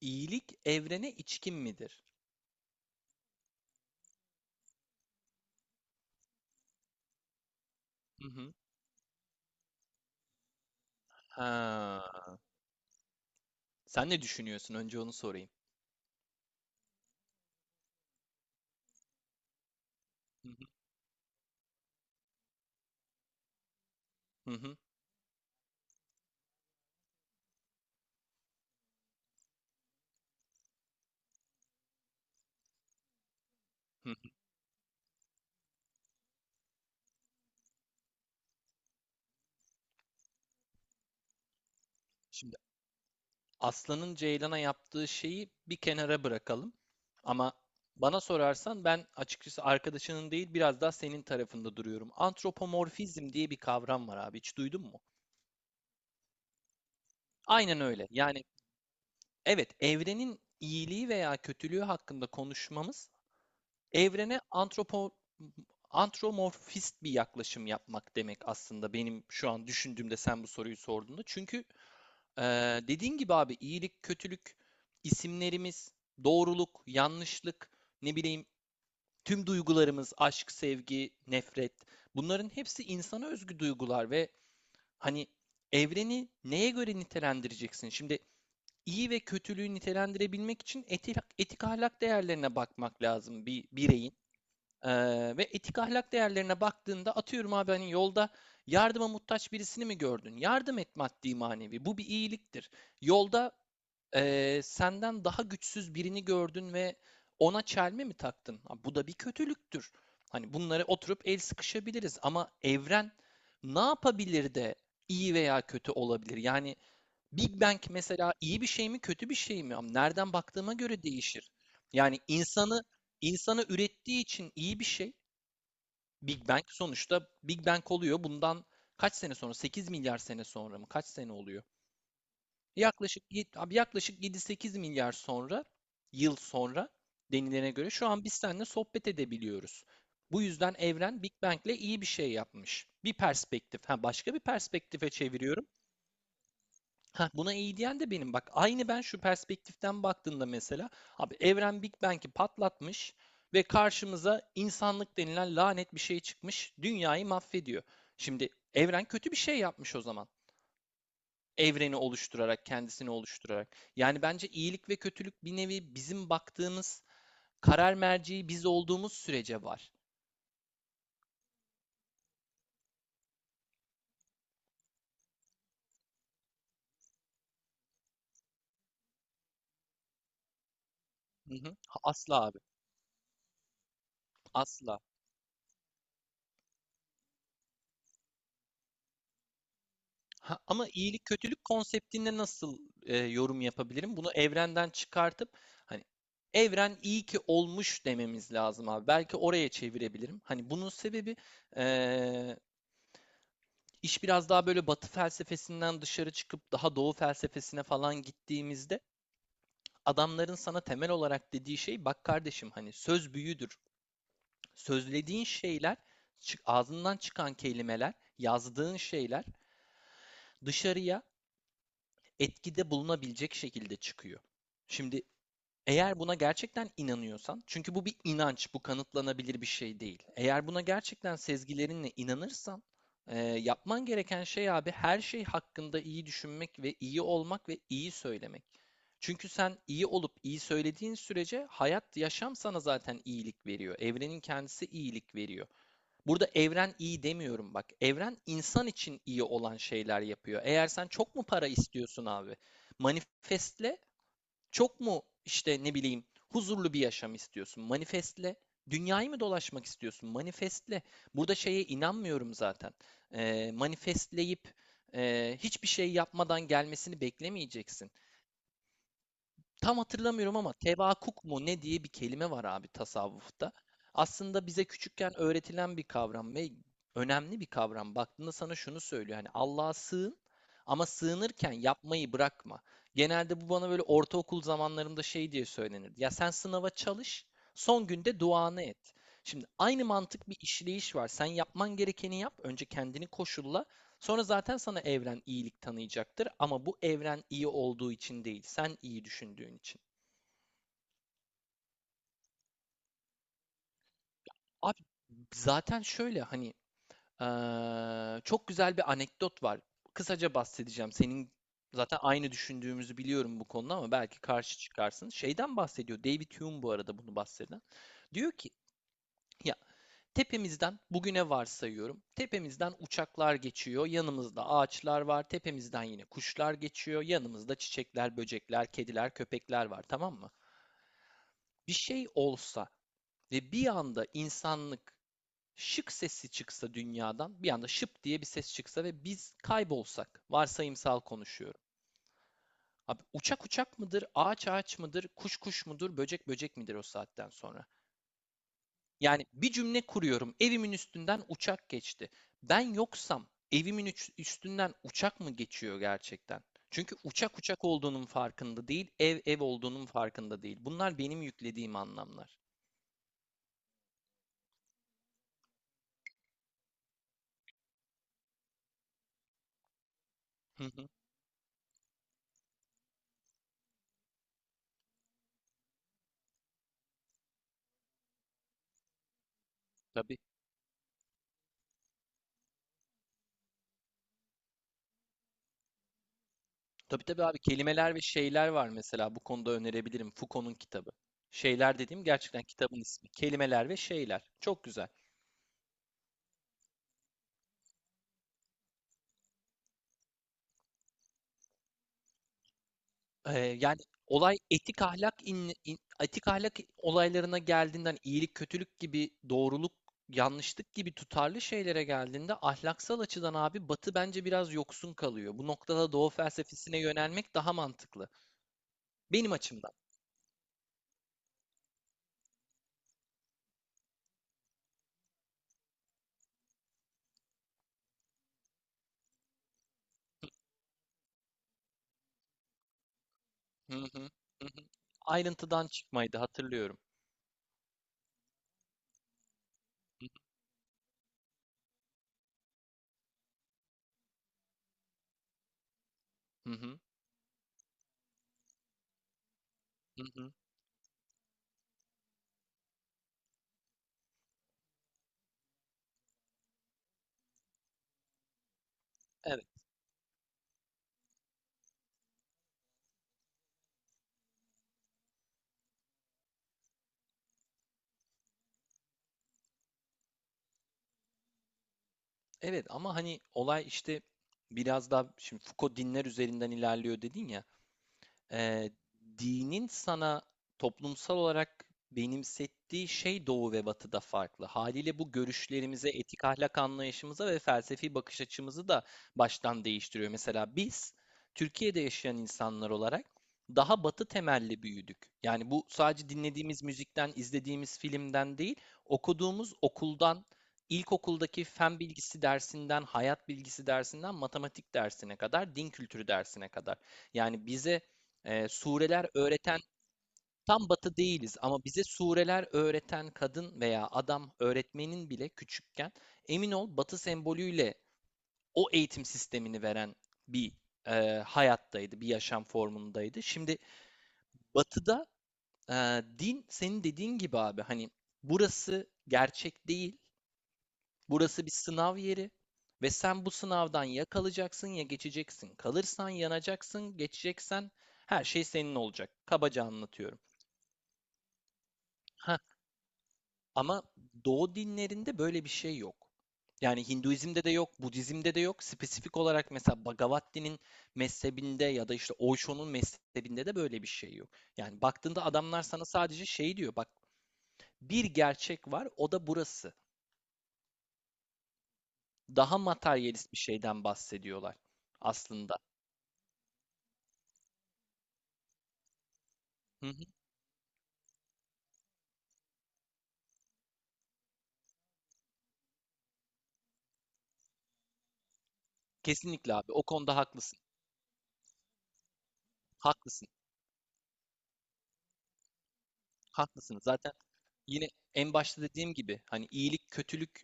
İyilik evrene içkin midir? Hı hı. Ha. Sen ne düşünüyorsun? Önce onu sorayım. Hı hı. Hı hı, hı hı. Şimdi aslanın ceylana yaptığı şeyi bir kenara bırakalım. Ama bana sorarsan ben açıkçası arkadaşının değil biraz daha senin tarafında duruyorum. Antropomorfizm diye bir kavram var abi. Hiç duydun mu? Aynen öyle. Yani evet evrenin iyiliği veya kötülüğü hakkında konuşmamız evrene antromorfist bir yaklaşım yapmak demek, aslında benim şu an düşündüğümde sen bu soruyu sorduğunda. Çünkü e, dediğin gibi abi iyilik, kötülük, isimlerimiz, doğruluk, yanlışlık, ne bileyim tüm duygularımız, aşk, sevgi, nefret, bunların hepsi insana özgü duygular. Ve hani evreni neye göre nitelendireceksin? Şimdi iyi ve kötülüğü nitelendirebilmek için etik, etik ahlak değerlerine bakmak lazım bir bireyin. Ee, ve etik ahlak değerlerine baktığında atıyorum abi, hani yolda yardıma muhtaç birisini mi gördün? Yardım et, maddi manevi. Bu bir iyiliktir. Yolda senden daha güçsüz birini gördün ve ona çelme mi taktın? Ha, bu da bir kötülüktür. Hani bunları oturup el sıkışabiliriz ama evren ne yapabilir de iyi veya kötü olabilir? Yani Big Bang mesela iyi bir şey mi, kötü bir şey mi? Ama nereden baktığıma göre değişir. Yani insanı ürettiği için iyi bir şey. Big Bang sonuçta Big Bang oluyor. Bundan kaç sene sonra? 8 milyar sene sonra mı? Kaç sene oluyor? Yaklaşık abi, yaklaşık 7-8 milyar sonra, yıl sonra denilene göre şu an biz seninle sohbet edebiliyoruz. Bu yüzden evren Big Bang'le iyi bir şey yapmış. Bir perspektif, ha başka bir perspektife çeviriyorum. Heh, buna iyi diyen de benim. Bak aynı ben şu perspektiften baktığında mesela abi, evren Big Bang'i patlatmış ve karşımıza insanlık denilen lanet bir şey çıkmış. Dünyayı mahvediyor. Şimdi evren kötü bir şey yapmış o zaman. Evreni oluşturarak, kendisini oluşturarak. Yani bence iyilik ve kötülük, bir nevi bizim baktığımız karar merceği biz olduğumuz sürece var. Hı hı. Asla abi. Asla. Ha, ama iyilik kötülük konseptinde nasıl yorum yapabilirim? Bunu evrenden çıkartıp hani evren iyi ki olmuş dememiz lazım abi. Belki oraya çevirebilirim. Hani bunun sebebi e, iş biraz daha böyle Batı felsefesinden dışarı çıkıp daha Doğu felsefesine falan gittiğimizde, adamların sana temel olarak dediği şey, bak kardeşim hani söz büyüdür. Sözlediğin şeyler, ağzından çıkan kelimeler, yazdığın şeyler dışarıya etkide bulunabilecek şekilde çıkıyor. Şimdi eğer buna gerçekten inanıyorsan, çünkü bu bir inanç, bu kanıtlanabilir bir şey değil. Eğer buna gerçekten sezgilerinle inanırsan, yapman gereken şey abi, her şey hakkında iyi düşünmek ve iyi olmak ve iyi söylemek. Çünkü sen iyi olup iyi söylediğin sürece hayat, yaşam sana zaten iyilik veriyor. Evrenin kendisi iyilik veriyor. Burada evren iyi demiyorum, bak. Evren insan için iyi olan şeyler yapıyor. Eğer sen çok mu para istiyorsun abi? Manifestle. Çok mu işte ne bileyim huzurlu bir yaşam istiyorsun? Manifestle. Dünyayı mı dolaşmak istiyorsun? Manifestle. Burada şeye inanmıyorum zaten. Manifestleyip hiçbir şey yapmadan gelmesini beklemeyeceksin. Tam hatırlamıyorum ama tevakuk mu ne diye bir kelime var abi tasavvufta. Aslında bize küçükken öğretilen bir kavram ve önemli bir kavram. Baktığında sana şunu söylüyor. Hani Allah'a sığın ama sığınırken yapmayı bırakma. Genelde bu bana böyle ortaokul zamanlarımda şey diye söylenirdi. Ya sen sınava çalış, son günde duanı et. Şimdi aynı mantık bir işleyiş var. Sen yapman gerekeni yap, önce kendini koşulla. Sonra zaten sana evren iyilik tanıyacaktır ama bu evren iyi olduğu için değil, sen iyi düşündüğün için. Abi zaten şöyle, hani çok güzel bir anekdot var. Kısaca bahsedeceğim. Senin zaten aynı düşündüğümüzü biliyorum bu konuda ama belki karşı çıkarsın. Şeyden bahsediyor. David Hume bu arada bunu bahseden. Diyor ki ya, tepemizden, bugüne varsayıyorum, tepemizden uçaklar geçiyor, yanımızda ağaçlar var, tepemizden yine kuşlar geçiyor, yanımızda çiçekler, böcekler, kediler, köpekler var, tamam mı? Bir şey olsa ve bir anda insanlık şık sesi çıksa dünyadan, bir anda şıp diye bir ses çıksa ve biz kaybolsak, varsayımsal konuşuyorum. Abi uçak uçak mıdır, ağaç ağaç mıdır, kuş kuş mudur, böcek böcek midir o saatten sonra? Yani bir cümle kuruyorum. Evimin üstünden uçak geçti. Ben yoksam evimin üstünden uçak mı geçiyor gerçekten? Çünkü uçak uçak olduğunun farkında değil, ev ev olduğunun farkında değil. Bunlar benim yüklediğim anlamlar. Hı hı, tabii. Tabii tabii abi, kelimeler ve şeyler var mesela, bu konuda önerebilirim, Foucault'un kitabı. Şeyler dediğim gerçekten kitabın ismi. Kelimeler ve şeyler. Çok güzel. Yani olay, etik ahlak in in etik ahlak olaylarına geldiğinden, iyilik kötülük gibi, doğruluk yanlışlık gibi tutarlı şeylere geldiğinde, ahlaksal açıdan abi, Batı bence biraz yoksun kalıyor. Bu noktada Doğu felsefesine yönelmek daha mantıklı. Benim açımdan. Hı hı. Hı hı. Ayrıntıdan çıkmaydı hatırlıyorum. Hı hı. Hı hı. Evet. Evet ama, hani, olay, işte, biraz daha şimdi Foucault dinler üzerinden ilerliyor dedin ya. Eee, dinin sana toplumsal olarak benimsettiği şey Doğu ve Batı'da farklı. Haliyle bu görüşlerimize, etik ahlak anlayışımıza ve felsefi bakış açımızı da baştan değiştiriyor. Mesela biz Türkiye'de yaşayan insanlar olarak daha Batı temelli büyüdük. Yani bu sadece dinlediğimiz müzikten, izlediğimiz filmden değil, okuduğumuz okuldan, ilkokuldaki fen bilgisi dersinden, hayat bilgisi dersinden, matematik dersine kadar, din kültürü dersine kadar. Yani bize sureler öğreten, tam batı değiliz ama bize sureler öğreten kadın veya adam öğretmenin bile küçükken emin ol batı sembolüyle o eğitim sistemini veren bir hayattaydı, bir yaşam formundaydı. Şimdi batıda din senin dediğin gibi abi, hani burası gerçek değil, burası bir sınav yeri ve sen bu sınavdan ya kalacaksın ya geçeceksin. Kalırsan yanacaksın, geçeceksen her şey senin olacak. Kabaca anlatıyorum. Ha, ama Doğu dinlerinde böyle bir şey yok. Yani Hinduizm'de de yok, Budizm'de de yok. Spesifik olarak mesela Bhagavad Gita'nın mezhebinde ya da işte Osho'nun mezhebinde de böyle bir şey yok. Yani baktığında adamlar sana sadece şey diyor. Bak bir gerçek var, o da burası. Daha materyalist bir şeyden bahsediyorlar aslında. Hı hı. Kesinlikle abi. O konuda haklısın. Haklısın. Haklısın. Zaten yine en başta dediğim gibi, hani iyilik, kötülük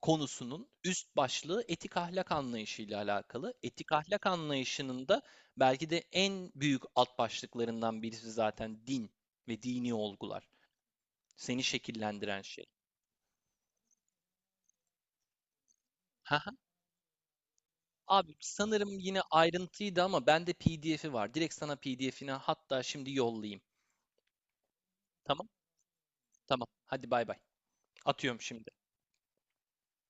konusunun üst başlığı etik ahlak anlayışıyla alakalı. Etik ahlak anlayışının da belki de en büyük alt başlıklarından birisi zaten din ve dini olgular. Seni şekillendiren şey. Haha. Abi sanırım yine ayrıntıydı ama bende PDF'i var. Direkt sana PDF'ini hatta şimdi yollayayım. Tamam? Tamam. Hadi bay bay. Atıyorum şimdi.